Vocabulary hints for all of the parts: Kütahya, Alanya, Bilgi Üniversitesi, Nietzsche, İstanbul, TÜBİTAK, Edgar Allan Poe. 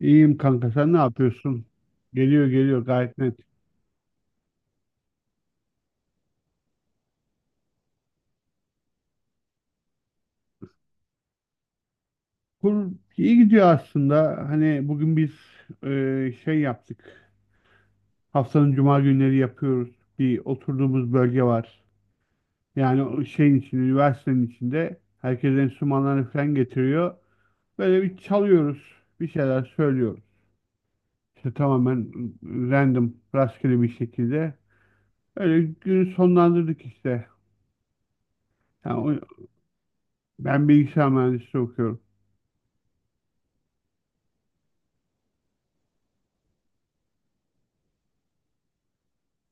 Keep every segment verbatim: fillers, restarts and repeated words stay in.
İyiyim kanka, sen ne yapıyorsun? Geliyor geliyor, gayet net. Kur iyi gidiyor aslında. Hani bugün biz e, şey yaptık. Haftanın cuma günleri yapıyoruz. Bir oturduğumuz bölge var. Yani o şeyin içinde, üniversitenin içinde herkes enstrümanlarını falan getiriyor. Böyle bir çalıyoruz. Bir şeyler söylüyoruz. İşte tamamen random, rastgele bir şekilde. Öyle günü sonlandırdık işte. Yani o- ben bilgisayar mühendisliği okuyorum.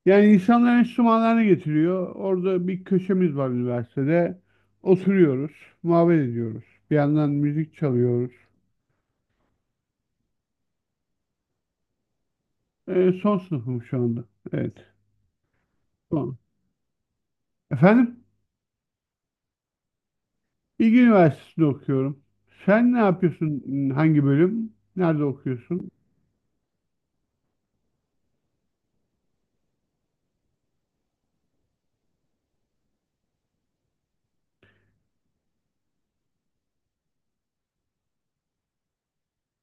Yani insanlar enstrümanlarını getiriyor. Orada bir köşemiz var üniversitede. Oturuyoruz, muhabbet ediyoruz. Bir yandan müzik çalıyoruz. Ee, son sınıfım şu anda. Evet. Son. Efendim, Bilgi Üniversitesi'nde okuyorum. Sen ne yapıyorsun? Hangi bölüm? Nerede okuyorsun?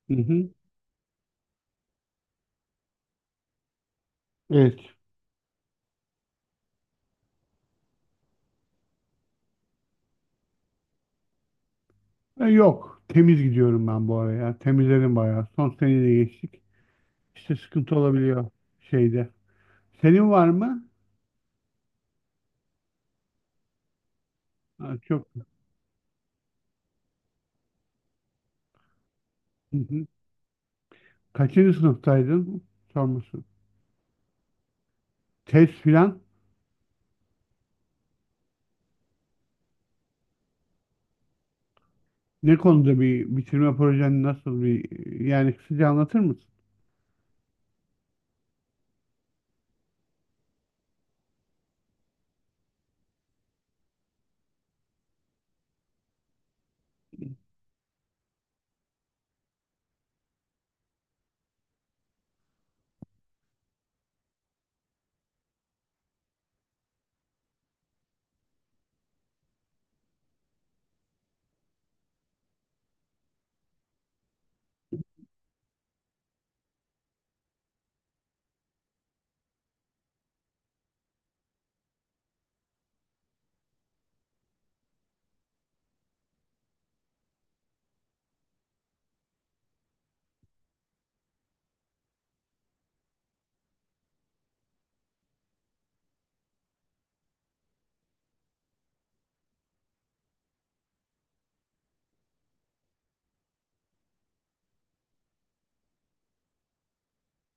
Hı hı. Evet. E, yok. Temiz gidiyorum ben bu araya. Temizledim bayağı. Son seneyi de geçtik. İşte sıkıntı olabiliyor şeyde. Senin var mı? Ha, çok. Kaçıncı sınıftaydın? Sorması. Test filan. Ne konuda bir bitirme projen, nasıl bir, yani kısaca anlatır mısın?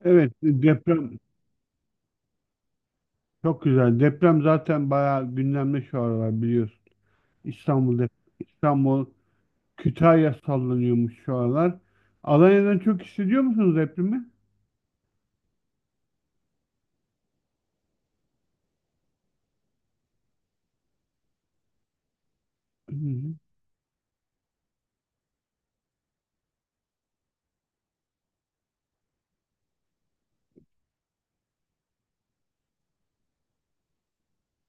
Evet, deprem çok güzel. Deprem zaten bayağı gündemde şu aralar, biliyorsun. İstanbul'da, İstanbul, Kütahya sallanıyormuş şu aralar. Alanya'dan çok hissediyor musunuz depremi? Hı hı.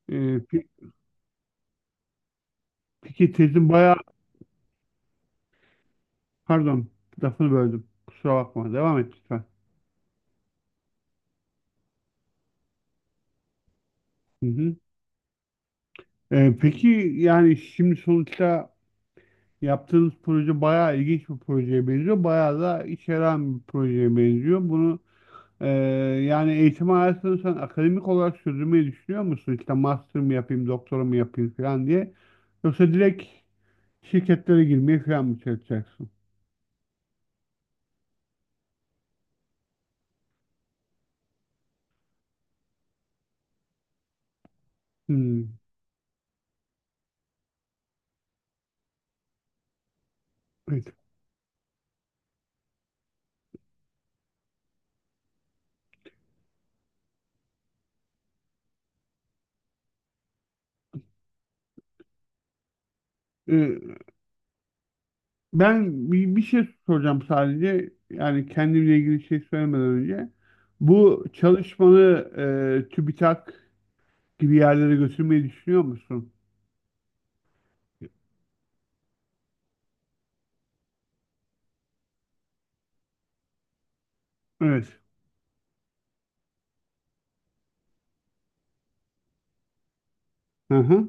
Ee, pe- peki tezin bayağı, pardon, lafını böldüm. Kusura bakma. Devam et lütfen. Hı hı. Ee, peki yani şimdi sonuçta yaptığınız proje bayağı ilginç bir projeye benziyor. Bayağı da içeren bir projeye benziyor. Bunu e, yani eğitim hayatını sen akademik olarak sürdürmeyi düşünüyor musun? İşte master mı yapayım, doktora mı yapayım falan diye. Yoksa direkt şirketlere girmeye falan mı çalışacaksın? Hmm. Evet. E, Ben bir, bir şey soracağım sadece. Yani kendimle ilgili şey söylemeden önce. Bu çalışmanı e, TÜBİTAK gibi yerlere götürmeyi düşünüyor musun? Evet. Hı hı.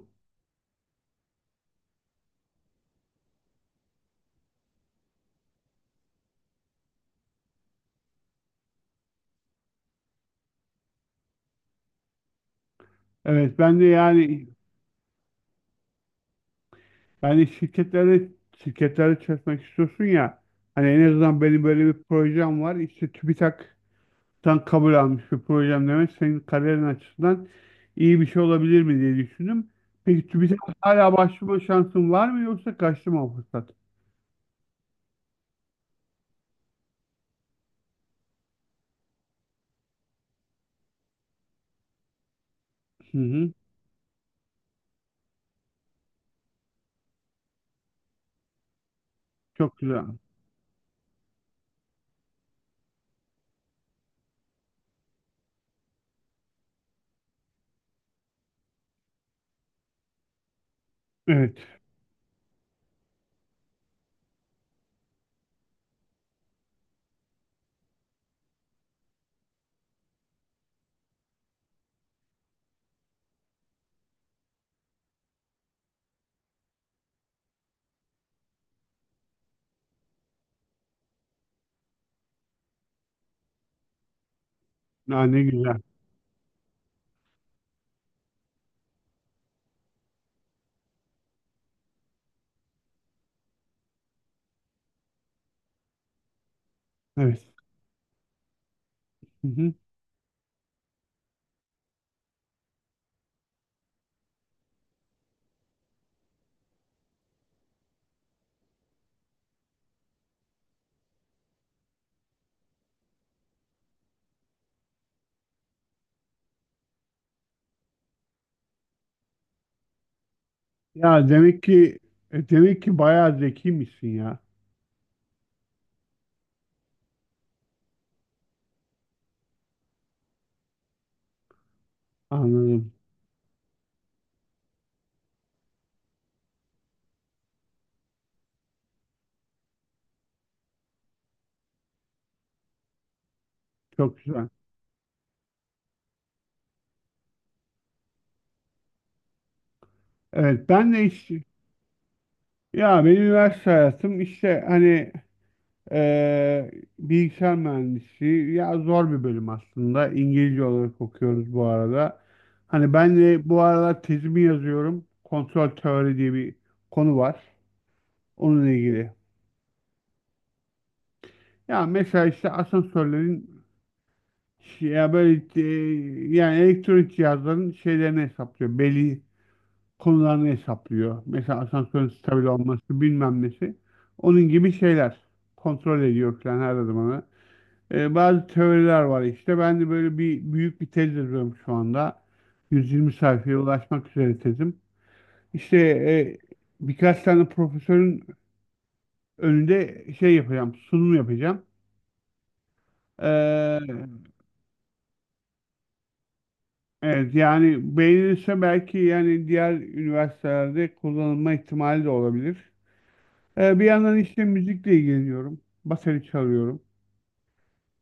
Evet ben de yani, yani şirketlere şirketlere çalışmak istiyorsun ya, hani en azından benim böyle bir projem var işte, TÜBİTAK'tan kabul almış bir projem demek senin kariyerin açısından iyi bir şey olabilir mi diye düşündüm. Peki TÜBİTAK hala başvurma şansın var mı, yoksa kaçtı mı o fırsat? Hı hı. Çok güzel. Evet. Ha, ne güzel. Evet. Hı hı. Ya demek ki, e, demek ki bayağı zekiymişsin ya. Anladım. Çok güzel. Evet ben de hiç. Ya benim üniversite hayatım işte, hani eee, bilgisayar mühendisliği ya, zor bir bölüm aslında. İngilizce olarak okuyoruz bu arada. Hani ben de bu aralar tezimi yazıyorum. Kontrol teori diye bir konu var. Onunla ilgili. Ya mesela işte asansörlerin şey- ya böyle, eee, yani elektronik cihazların şeylerini hesaplıyor. Belli konularını hesaplıyor. Mesela asansörün stabil olması, bilmem nesi. Onun gibi şeyler kontrol ediyor falan her zaman. E, bazı teoriler var işte. Ben de böyle bir büyük bir tez yazıyorum şu anda. yüz yirmi sayfaya ulaşmak üzere tezim. İşte e, birkaç tane profesörün önünde şey yapacağım, sunum yapacağım. Ee, evet yani, beğenirse belki, yani diğer üniversitelerde kullanılma ihtimali de olabilir. Ee, bir yandan işte müzikle ilgileniyorum. Bateri çalıyorum.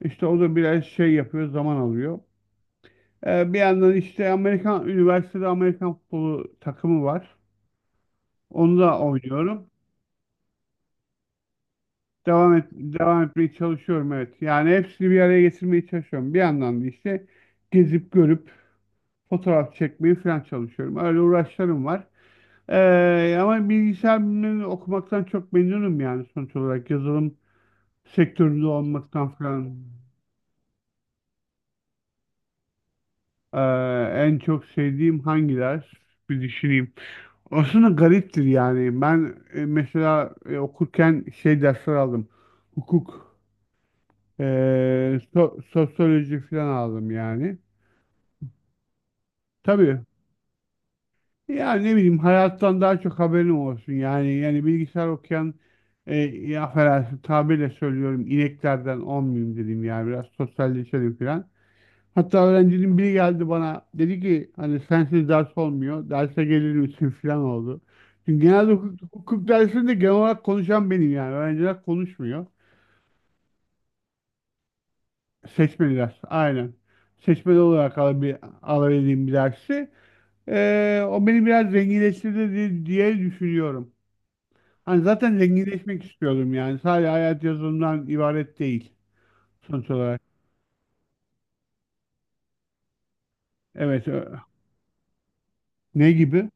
İşte o da biraz şey yapıyor, zaman alıyor. Ee, bir yandan işte Amerikan üniversitede Amerikan futbolu takımı var. Onu da oynuyorum. Devam et, devam etmeye çalışıyorum, evet. Yani hepsini bir araya getirmeye çalışıyorum. Bir yandan da işte gezip görüp fotoğraf çekmeyi falan çalışıyorum. Öyle uğraşlarım var. Ee, ama bilgisayar bilimlerini okumaktan çok memnunum, yani sonuç olarak yazılım sektöründe olmaktan falan. Ee, En çok sevdiğim hangi ders? Bir düşüneyim. Aslında gariptir yani. Ben e, mesela e, okurken şey dersler aldım. Hukuk, e, so- sosyoloji falan aldım yani. Tabii. Yani ne bileyim, hayattan daha çok haberim olsun. Yani, yani bilgisayar okuyan, e, ya affedersin tabirle söylüyorum, ineklerden olmayayım dedim, yani biraz sosyalleşelim falan. Hatta öğrencinin biri geldi bana dedi ki, hani sensiz ders olmuyor, derse gelir misin falan oldu. Çünkü genelde hukuk, hukuk dersinde genel olarak konuşan benim yani, öğrenciler konuşmuyor. Seçmeli ders aynen. Seçmeli olarak alabil, alabildiğim bir dersi. Ee, o beni biraz zenginleştirdi diye, diye düşünüyorum. Hani zaten zenginleşmek istiyordum, yani sadece hayat yazılımdan ibaret değil sonuç olarak. Evet ö- ne gibi?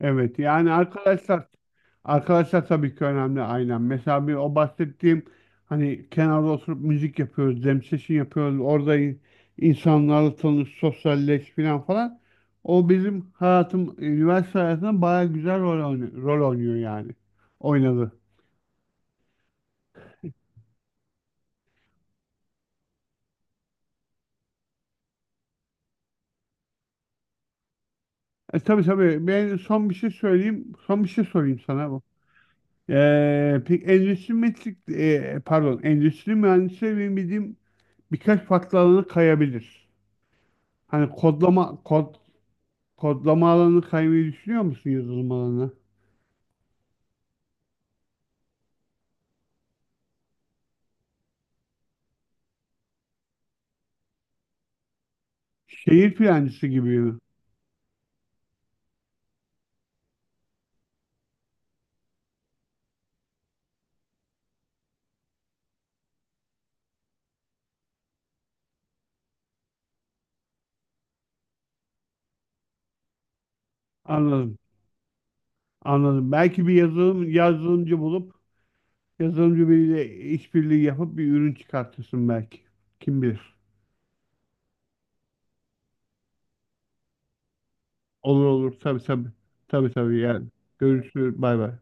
Evet yani arkadaşlar arkadaşlar tabii ki önemli aynen. Mesela bir o bahsettiğim, hani kenarda oturup müzik yapıyoruz, jam session yapıyoruz. Orada in- insanlarla tanış, sosyalleş falan falan. O bizim hayatım, üniversite hayatında bayağı güzel rol, oynuyor, rol oynuyor yani. Oynadı. E tabii tabii, ben son bir şey söyleyeyim. Son bir şey sorayım sana bu. Ee, peki endüstri metrik, e, pardon, endüstri mühendisleri benim bildiğim birkaç farklı alana kayabilir. Hani kodlama kod kodlama alanı kaymayı düşünüyor musun yazılım alanına? Şehir plancısı gibi mi? Anladım. Anladım. Belki bir yazılım yazılımcı bulup yazılımcı biriyle işbirliği yapıp bir ürün çıkartırsın belki. Kim bilir. Olur olur. Tabii tabii. Tabii tabii yani. Görüşürüz. Bay bay.